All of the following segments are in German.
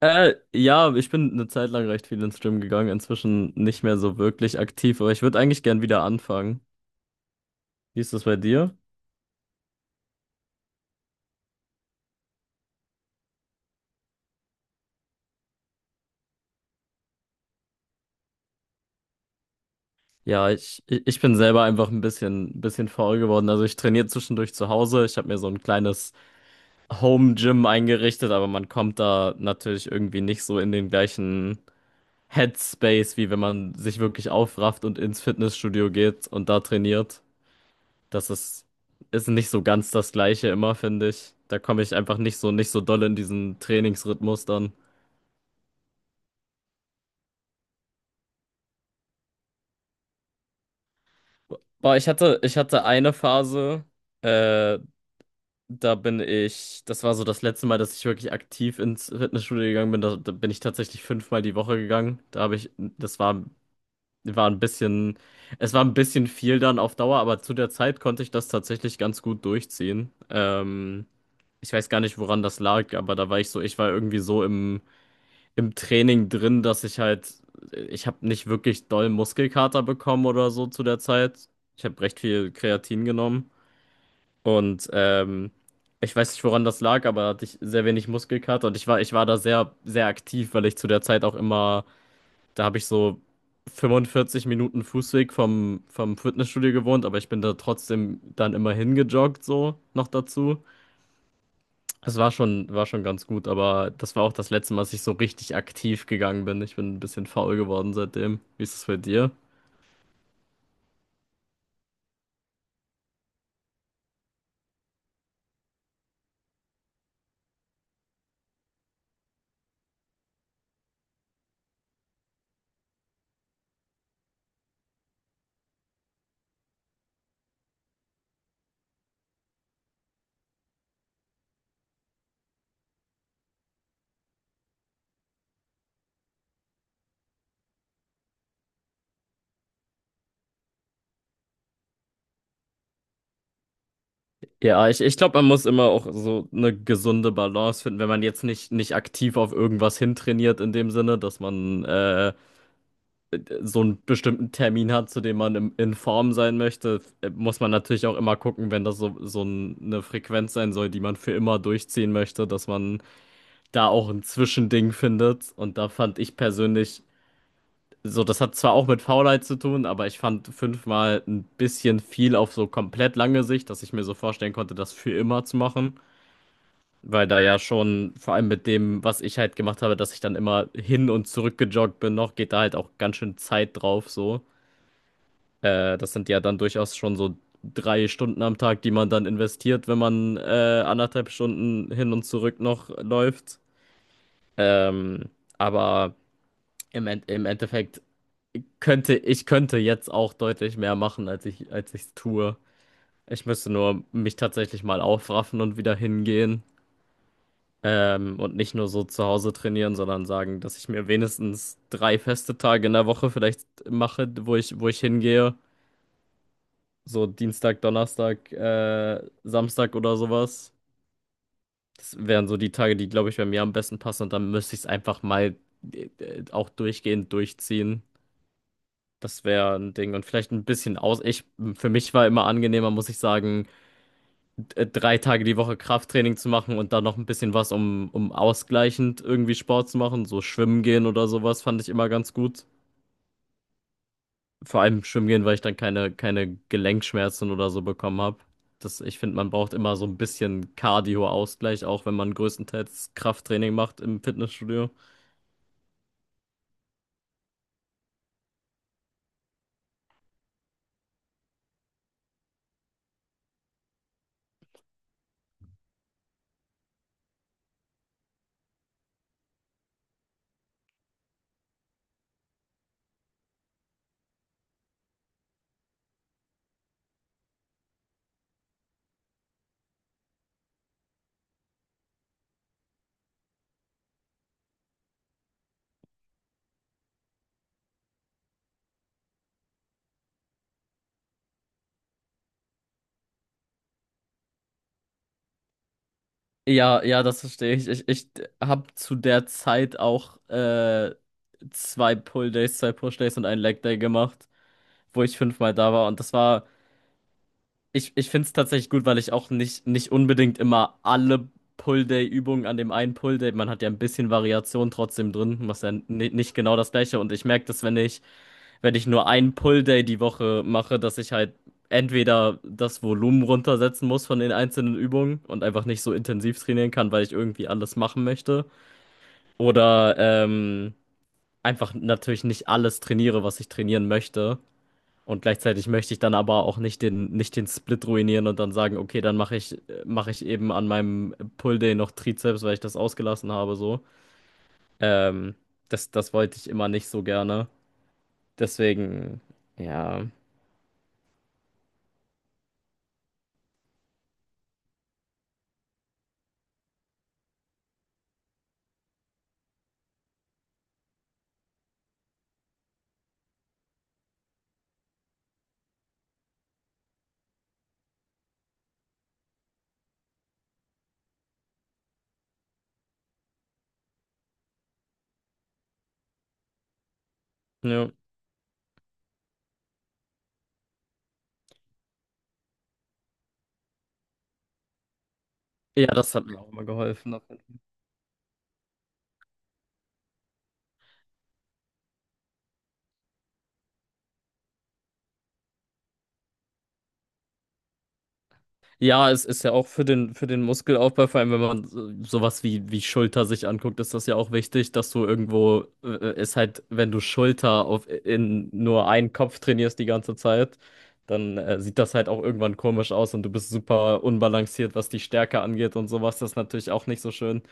Ja, ich bin eine Zeit lang recht viel ins Gym gegangen, inzwischen nicht mehr so wirklich aktiv, aber ich würde eigentlich gern wieder anfangen. Wie ist das bei dir? Ja, ich bin selber einfach ein bisschen faul geworden. Also ich trainiere zwischendurch zu Hause. Ich habe mir so ein kleines Home-Gym eingerichtet, aber man kommt da natürlich irgendwie nicht so in den gleichen Headspace, wie wenn man sich wirklich aufrafft und ins Fitnessstudio geht und da trainiert. Das ist nicht so ganz das Gleiche immer, finde ich. Da komme ich einfach nicht so, nicht so doll in diesen Trainingsrhythmus dann. Boah, ich hatte eine Phase, äh, das war so das letzte Mal, dass ich wirklich aktiv ins Fitnessstudio gegangen bin. Da bin ich tatsächlich fünfmal die Woche gegangen. Das war ein bisschen, es war ein bisschen viel dann auf Dauer, aber zu der Zeit konnte ich das tatsächlich ganz gut durchziehen. Ich weiß gar nicht, woran das lag, aber da war ich so, ich war irgendwie so im Training drin, dass ich halt, ich habe nicht wirklich doll Muskelkater bekommen oder so zu der Zeit. Ich habe recht viel Kreatin genommen und ich weiß nicht, woran das lag, aber da hatte ich sehr wenig Muskelkater und ich war da sehr, sehr aktiv, weil ich zu der Zeit auch immer, da habe ich so 45 Minuten Fußweg vom Fitnessstudio gewohnt, aber ich bin da trotzdem dann immer hingejoggt, so noch dazu. War schon ganz gut, aber das war auch das letzte Mal, dass ich so richtig aktiv gegangen bin. Ich bin ein bisschen faul geworden seitdem. Wie ist es bei dir? Ja, ich glaube, man muss immer auch so eine gesunde Balance finden, wenn man jetzt nicht, nicht aktiv auf irgendwas hintrainiert, in dem Sinne, dass man so einen bestimmten Termin hat, zu dem man in Form sein möchte, muss man natürlich auch immer gucken, wenn das so, so ein- eine Frequenz sein soll, die man für immer durchziehen möchte, dass man da auch ein Zwischending findet. Und da fand ich persönlich so, das hat zwar auch mit Faulheit zu tun, aber ich fand fünfmal ein bisschen viel auf so komplett lange Sicht, dass ich mir so vorstellen konnte, das für immer zu machen. Weil da ja schon, vor allem mit dem, was ich halt gemacht habe, dass ich dann immer hin und zurück gejoggt bin, noch geht da halt auch ganz schön Zeit drauf, so. Das sind ja dann durchaus schon so 3 Stunden am Tag, die man dann investiert, wenn man anderthalb Stunden hin und zurück noch läuft. Ähm, aber im Endeffekt ich könnte jetzt auch deutlich mehr machen, als ich es tue. Ich müsste nur mich tatsächlich mal aufraffen und wieder hingehen. Und nicht nur so zu Hause trainieren, sondern sagen, dass ich mir wenigstens drei feste Tage in der Woche vielleicht mache, wo ich hingehe. So Dienstag, Donnerstag, Samstag oder sowas. Das wären so die Tage, die, glaube ich, bei mir am besten passen. Und dann müsste ich es einfach mal auch durchgehend durchziehen. Das wäre ein Ding. Und vielleicht ein bisschen aus. Ich, für mich war immer angenehmer, muss ich sagen, 3 Tage die Woche Krafttraining zu machen und dann noch ein bisschen was, um ausgleichend irgendwie Sport zu machen. So schwimmen gehen oder sowas fand ich immer ganz gut. Vor allem schwimmen gehen, weil ich dann keine Gelenkschmerzen oder so bekommen habe. Das, ich finde, man braucht immer so ein bisschen Cardio-Ausgleich, auch wenn man größtenteils Krafttraining macht im Fitnessstudio. Ja, ja, das verstehe ich. Ich habe zu der Zeit auch zwei Pull-Days, zwei Push-Days und einen Leg-Day gemacht, wo ich fünfmal da war. Und das war ich, ich finde es tatsächlich gut, weil ich auch nicht, nicht unbedingt immer alle Pull-Day-Übungen an dem einen Pull-Day, man hat ja ein bisschen Variation trotzdem drin, was ja ni- nicht genau das gleiche. Und ich merke dass wenn ich nur einen Pull-Day die Woche mache, dass ich halt entweder das Volumen runtersetzen muss von den einzelnen Übungen und einfach nicht so intensiv trainieren kann, weil ich irgendwie alles machen möchte. Oder ähm, einfach natürlich nicht alles trainiere, was ich trainieren möchte. Und gleichzeitig möchte ich dann aber auch nicht den, nicht den Split ruinieren und dann sagen, okay, dann mache ich eben an meinem Pull Day noch Trizeps, weil ich das ausgelassen habe, so. Ähm, das, das wollte ich immer nicht so gerne. Deswegen, ja. Ja, ja das hat mir auch immer geholfen. Ja, es ist ja auch für den Muskelaufbau, vor allem wenn man so- sowas wie, wie Schulter sich anguckt, ist das ja auch wichtig, dass du irgendwo, ist halt, wenn du Schulter auf, in nur einen Kopf trainierst die ganze Zeit, dann sieht das halt auch irgendwann komisch aus und du bist super unbalanciert, was die Stärke angeht und sowas. Das ist natürlich auch nicht so schön.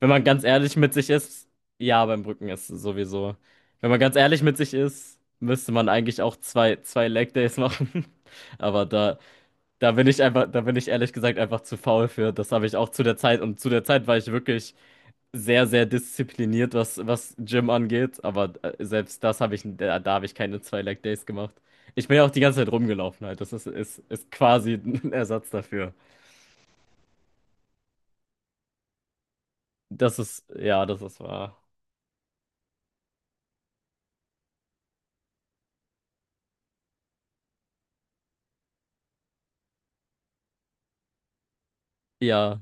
Wenn man ganz ehrlich mit sich ist, ja, beim Brücken ist es sowieso. Wenn man ganz ehrlich mit sich ist, müsste man eigentlich auch zwei, zwei Leg Days machen. Aber da. Da bin ich einfach, da bin ich ehrlich gesagt einfach zu faul für. Das habe ich auch zu der Zeit. Und zu der Zeit war ich wirklich sehr, sehr diszipliniert, was Gym angeht. Aber selbst das habe ich, da habe ich keine zwei Leg Days gemacht. Ich bin ja auch die ganze Zeit rumgelaufen halt. Das ist quasi ein Ersatz dafür. Das ist, ja, das ist wahr. Ja.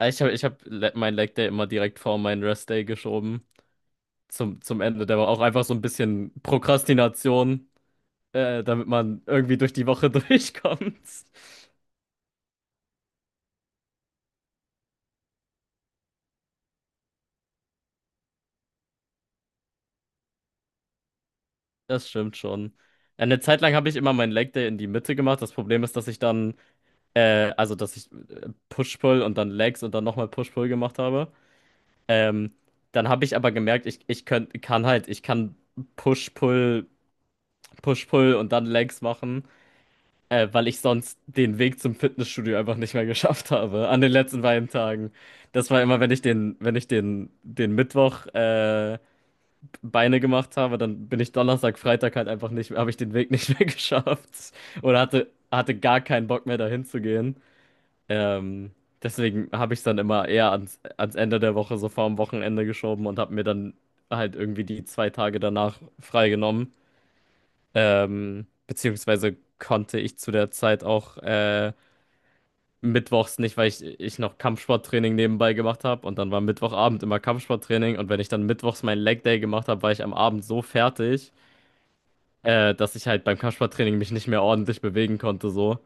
Ich hab le- mein Leg Day immer direkt vor meinen Rest Day geschoben. Zum Ende. Der war auch einfach so ein bisschen Prokrastination, damit man irgendwie durch die Woche durchkommt. Das stimmt schon. Eine Zeit lang habe ich immer meinen Leg Day in die Mitte gemacht. Das Problem ist, also dass ich Push-Pull und dann Legs und dann nochmal Push-Pull gemacht habe. Ähm, dann habe ich aber gemerkt, kann halt, ich kann Push-Pull, Push-Pull und dann Legs machen, weil ich sonst den Weg zum Fitnessstudio einfach nicht mehr geschafft habe an den letzten beiden Tagen. Das war immer, wenn ich den, den Mittwoch, Beine gemacht habe, dann bin ich Donnerstag, Freitag halt einfach nicht, habe ich den Weg nicht mehr geschafft oder hatte gar keinen Bock mehr dahin zu gehen. Ähm, deswegen habe ich es dann immer eher ans Ende der Woche, so vorm Wochenende geschoben und habe mir dann halt irgendwie die 2 Tage danach freigenommen. Beziehungsweise konnte ich zu der Zeit auch mittwochs nicht, weil ich noch Kampfsporttraining nebenbei gemacht habe und dann war Mittwochabend immer Kampfsporttraining und wenn ich dann mittwochs meinen Leg Day gemacht habe, war ich am Abend so fertig. Dass ich halt beim Kampfsporttraining mich nicht mehr ordentlich bewegen konnte, so,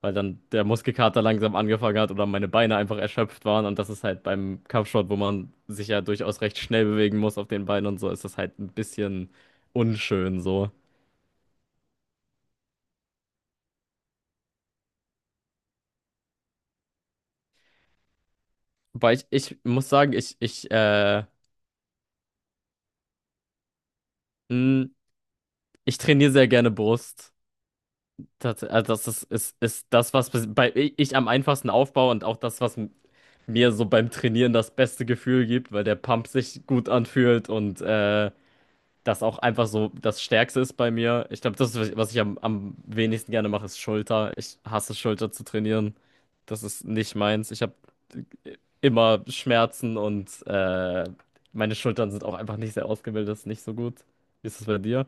weil dann der Muskelkater langsam angefangen hat oder meine Beine einfach erschöpft waren. Und das ist halt beim Kampfsport, wo man sich ja durchaus recht schnell bewegen muss auf den Beinen und so, ist das halt ein bisschen unschön, so. Ich muss sagen, mh, ich trainiere sehr gerne Brust. Das, also das ist, ist das, was bis- bei, ich am einfachsten aufbaue und auch das, was m- mir so beim Trainieren das beste Gefühl gibt, weil der Pump sich gut anfühlt und das auch einfach so das Stärkste ist bei mir. Ich glaube, das, ist, was ich am wenigsten gerne mache, ist Schulter. Ich hasse Schulter zu trainieren. Das ist nicht meins. Ich habe immer Schmerzen und meine Schultern sind auch einfach nicht sehr ausgebildet, ist nicht so gut. Wie ist es bei dir?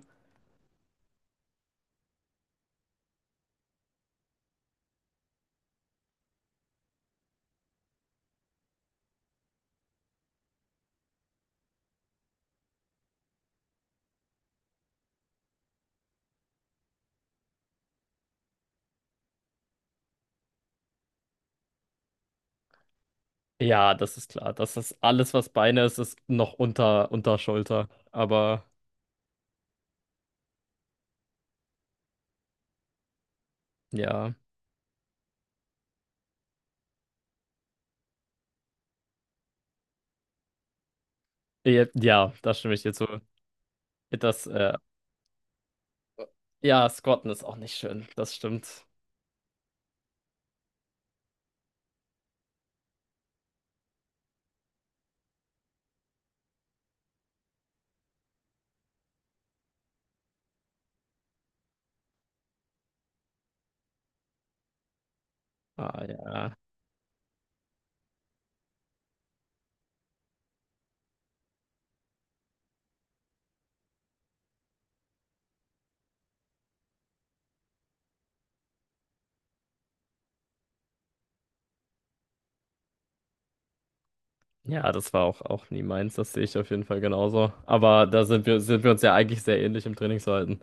Ja, das ist klar. Das ist alles, was Beine ist, ist noch unter, unter Schulter. Aber ja, ja, ja, da stimme ich dir zu. Das, ja, Squatten ist auch nicht schön. Das stimmt. Ah, ja. Ja, das war auch, auch nie meins, das sehe ich auf jeden Fall genauso. Aber sind wir uns ja eigentlich sehr ähnlich im Trainingsverhalten.